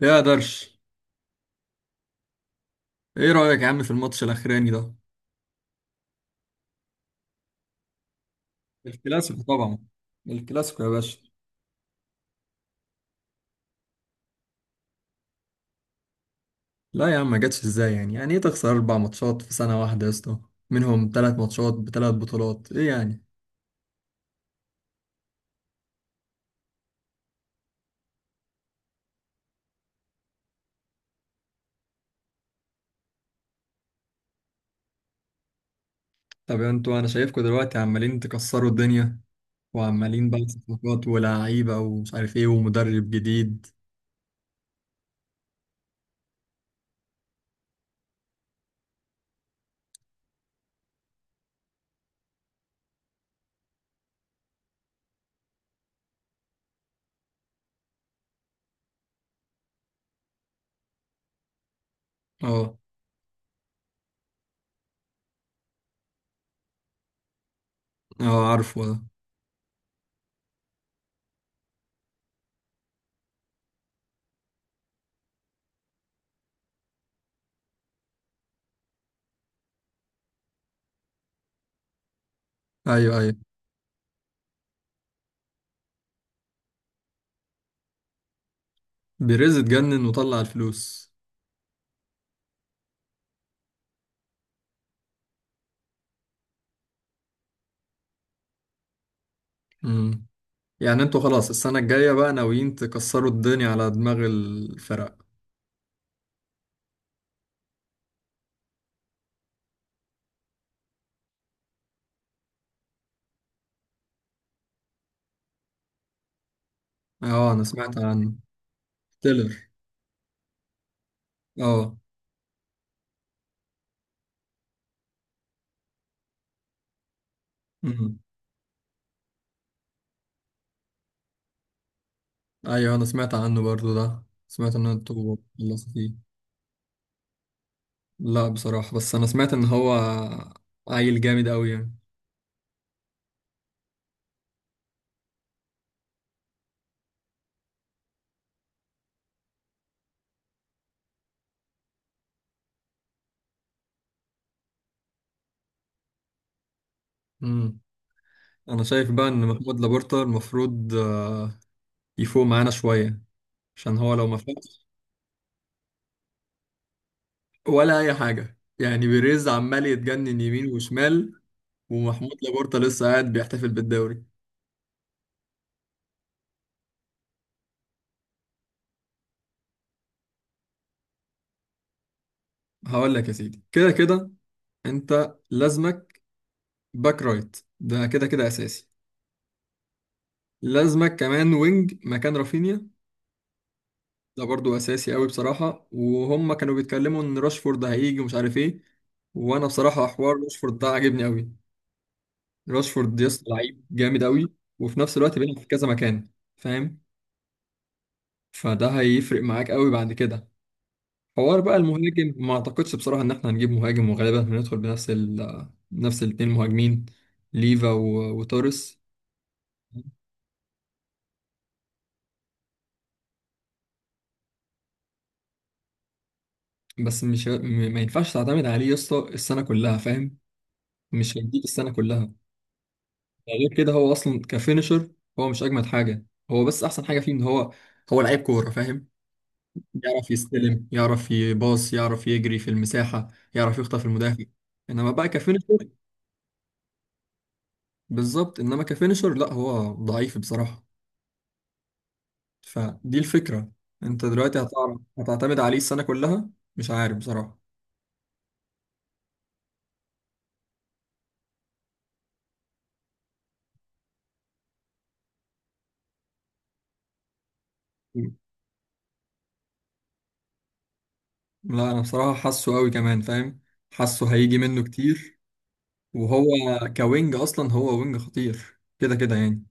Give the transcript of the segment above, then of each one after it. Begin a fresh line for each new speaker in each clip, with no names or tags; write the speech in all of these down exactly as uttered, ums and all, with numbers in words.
ليه يا درش؟ ايه رأيك يا عم في الماتش الاخراني ده؟ الكلاسيكو طبعا. الكلاسيكو يا باشا. لا يا عم، ما جاتش ازاي؟ يعني يعني ايه تخسر اربع ماتشات في سنة واحدة يا اسطى؟ منهم ثلاث ماتشات بثلاث بطولات، ايه يعني؟ طب انتوا انا شايفكم دلوقتي عمالين تكسروا الدنيا، وعمالين بقى صفقات ولاعيبة ومش عارف ايه ومدرب جديد. اه. اه عارفه ده. ايوه ايوه. بيريز اتجنن وطلع الفلوس. امم يعني انتوا خلاص السنة الجاية بقى ناويين تكسروا الدنيا على دماغ الفرق. اه انا سمعت عنه. تيلر. اه. امم ايوه، انا سمعت عنه برضو ده، سمعت ان انتوا خلصتوا فيه. لا بصراحة، بس انا سمعت ان هو عيل جامد قوي يعني. امم انا شايف بقى ان محمود لابورتا المفروض آه، يفوق معانا شوية، عشان هو لو ما فوقش ولا اي حاجة، يعني بيريز عمال يتجنن يمين وشمال، ومحمود لابورتا لسه قاعد بيحتفل بالدوري. هقول لك يا سيدي، كده كده انت لازمك باك رايت، ده كده كده اساسي. لازمك كمان وينج مكان رافينيا، ده برضو اساسي قوي بصراحه. وهم كانوا بيتكلموا ان راشفورد هيجي ومش عارف ايه، وانا بصراحه حوار راشفورد ده عاجبني قوي. راشفورد يا اسطى لعيب جامد قوي، وفي نفس الوقت بيلعب في كذا مكان، فاهم؟ فده هيفرق معاك قوي بعد كده. حوار بقى المهاجم ما اعتقدش بصراحه ان احنا هنجيب مهاجم، وغالبا هندخل بنفس ال نفس الاتنين مهاجمين، ليفا و- وتوريس. بس مش ه- م- ما ينفعش تعتمد عليه يا اسطى السنه كلها، فاهم؟ مش هيديك السنه كلها. يعني غير كده هو اصلا كفينشر، هو مش اجمد حاجه. هو بس احسن حاجه فيه ان هو هو لعيب كوره، فاهم؟ يعرف يستلم، يعرف يباص، يعرف يجري في المساحه، يعرف يخطف المدافع. انما بقى كفينشر، بالظبط، انما كفينشر لا، هو ضعيف بصراحه. فدي الفكره، انت دلوقتي هتعرف هتعتمد عليه السنه كلها؟ مش عارف بصراحه. لا انا بصراحه حاسه قوي كمان، فاهم؟ حاسه هيجي منه كتير. وهو كوينج اصلا، هو وينج خطير كده كده يعني.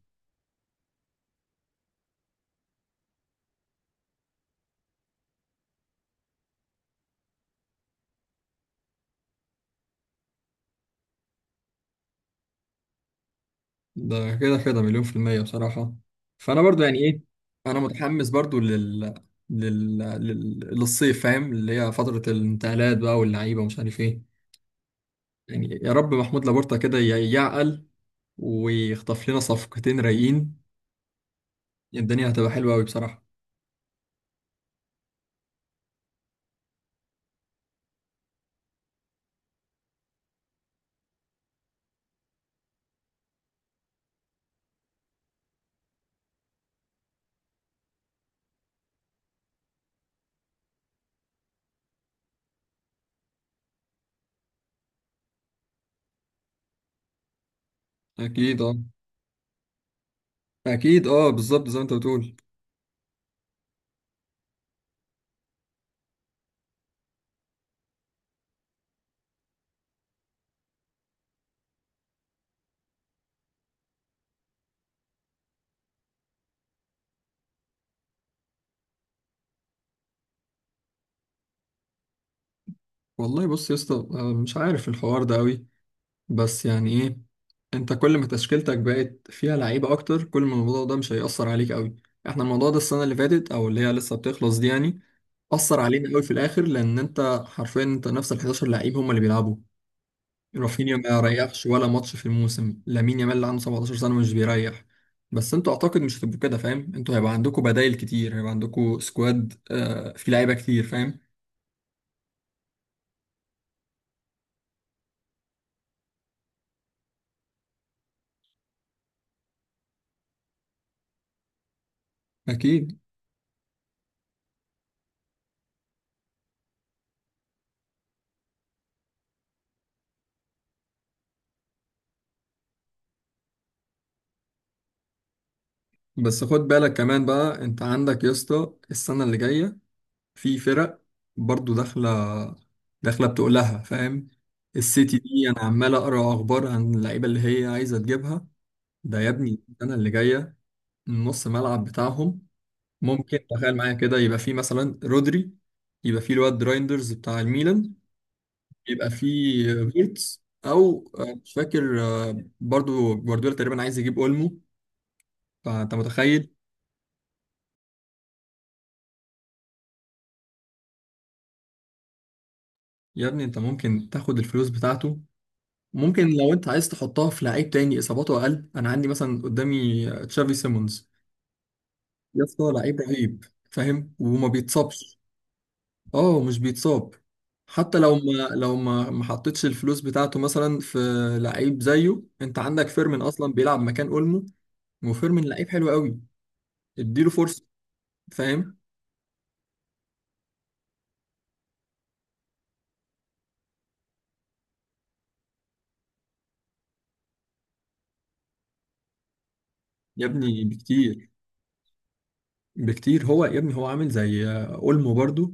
ده كده كده مليون في المية بصراحة. فأنا برضو يعني إيه، أنا متحمس برضو لل... لل... لل... للصيف، فاهم؟ اللي هي فترة الانتقالات بقى واللعيبة ومش عارف إيه. يعني يا رب محمود لابورتا كده ي- يعقل ويخطف لنا صفقتين رايقين، الدنيا هتبقى حلوة أوي بصراحة. أكيد أه. أكيد أه، بالظبط زي ما أنت بتقول. والله بص يا اسطى، أنا مش عارف الحوار ده أوي، بس يعني ايه، انت كل ما تشكيلتك بقت فيها لعيبة اكتر، كل ما الموضوع ده مش هيأثر عليك قوي. احنا الموضوع ده السنة اللي فاتت او اللي هي لسه بتخلص دي، يعني أثر علينا قوي في الآخر، لأن أنت حرفيا أنت نفس ال احد عشر لعيب هم اللي بيلعبوا. رافينيا ما ريحش ولا ماتش في الموسم، لامين يامال اللي عنده 17 سنة مش بيريح. بس أنتوا أعتقد مش هتبقوا كده، فاهم؟ أنتوا هيبقى عندكم بدايل كتير، هيبقى عندكم سكواد آه فيه لعيبة كتير، فاهم؟ أكيد. بس خد بالك كمان بقى، أنت عندك يا اسطى السنة اللي جاية في فرق برضو داخلة، داخلة بتقولها، فاهم؟ السيتي دي أنا عمال أقرأ أخبار عن اللعيبة اللي هي عايزة تجيبها. ده يا ابني السنة اللي جاية نص ملعب بتاعهم، ممكن تخيل معايا كده، يبقى في مثلا رودري، يبقى في الواد رايندرز بتاع الميلان، يبقى في فيرتس أو آه، مش فاكر، آه، برضو جوارديولا تقريبا عايز يجيب أولمو. فأنت متخيل؟ يا ابني أنت ممكن تاخد الفلوس بتاعته، ممكن لو انت عايز تحطها في لعيب تاني اصاباته اقل، انا عندي مثلا قدامي تشافي سيمونز، يا اسطى لعيب رهيب فاهم، وما بيتصابش. اه مش بيتصاب. حتى لو ما لو ما ما حطيتش الفلوس بتاعته مثلا في لعيب زيه، انت عندك فيرمين اصلا بيلعب مكان اولمو، وفيرمين لعيب حلو قوي، اديله فرصه، فاهم؟ يا ابني بكتير، بكتير، هو يا ابني هو عامل زي اولمو برضو،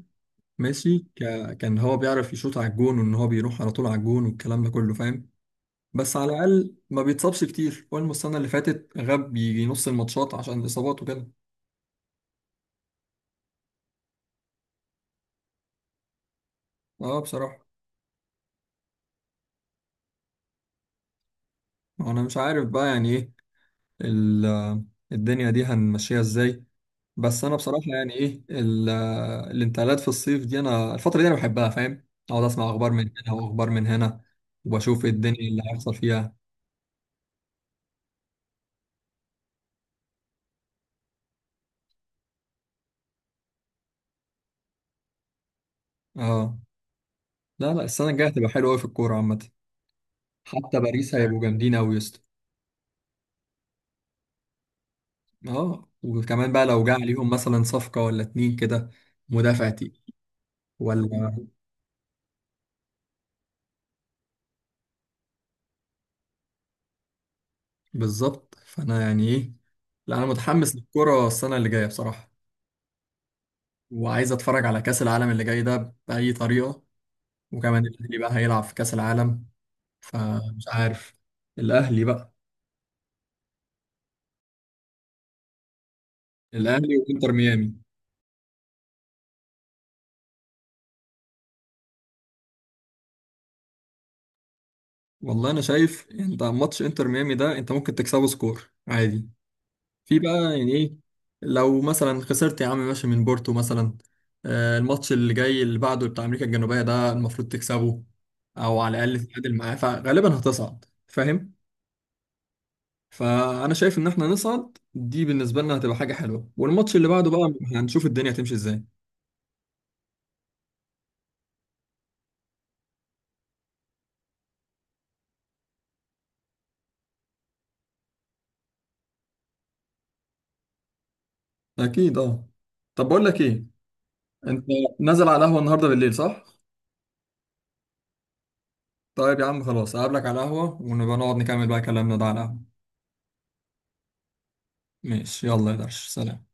ماشي ك... كان هو بيعرف يشوط على الجون وان هو بيروح على طول على الجون والكلام ده كله، فاهم؟ بس على الاقل ما بيتصابش كتير، اول السنه اللي فاتت غاب يجي نص الماتشات عشان الاصابات وكده. اه بصراحه. انا مش عارف بقى يعني ايه ال- الدنيا دي هنمشيها ازاي، بس انا بصراحه يعني ايه ال- الانتقالات في الصيف دي، انا الفتره دي انا بحبها، فاهم؟ اقعد اسمع اخبار من هنا واخبار من هنا، وبشوف إيه الدنيا اللي هيحصل فيها. اه. لا لا، السنه الجايه هتبقى حلوه قوي في الكوره عامه. حتى باريس هيبقوا جامدين قوي يا اسطى. اه، وكمان بقى لو جه عليهم مثلا صفقه ولا اتنين كده، مدافع تقيل ولا. بالظبط، فانا يعني ايه، لا انا متحمس للكرة السنة اللي جاية بصراحة، وعايز اتفرج على كأس العالم اللي جاي ده بأي طريقة، وكمان الاهلي بقى هيلعب في كأس العالم. فمش عارف. الاهلي بقى. الاهلي وانتر ميامي. والله انا شايف انت ماتش انتر ميامي ده انت ممكن تكسبه سكور عادي. في بقى يعني ايه، لو مثلا خسرت يا عم ماشي من بورتو مثلا، آه، الماتش اللي جاي اللي بعده بتاع امريكا الجنوبيه ده المفروض تكسبه، او على الاقل تتعادل معاه، فغالبا هتصعد، فاهم؟ فانا شايف ان احنا نصعد دي بالنسبه لنا هتبقى حاجه حلوه، والماتش اللي بعده بقى هنشوف الدنيا هتمشي ازاي. اكيد اه. طب بقول لك ايه، انت نازل على القهوه النهارده بالليل، صح؟ طيب يا عم خلاص، اقابلك على القهوه ونبقى نقعد نكمل بقى كلامنا ده على القهوه. ماشي، يلا يا درش، سلام.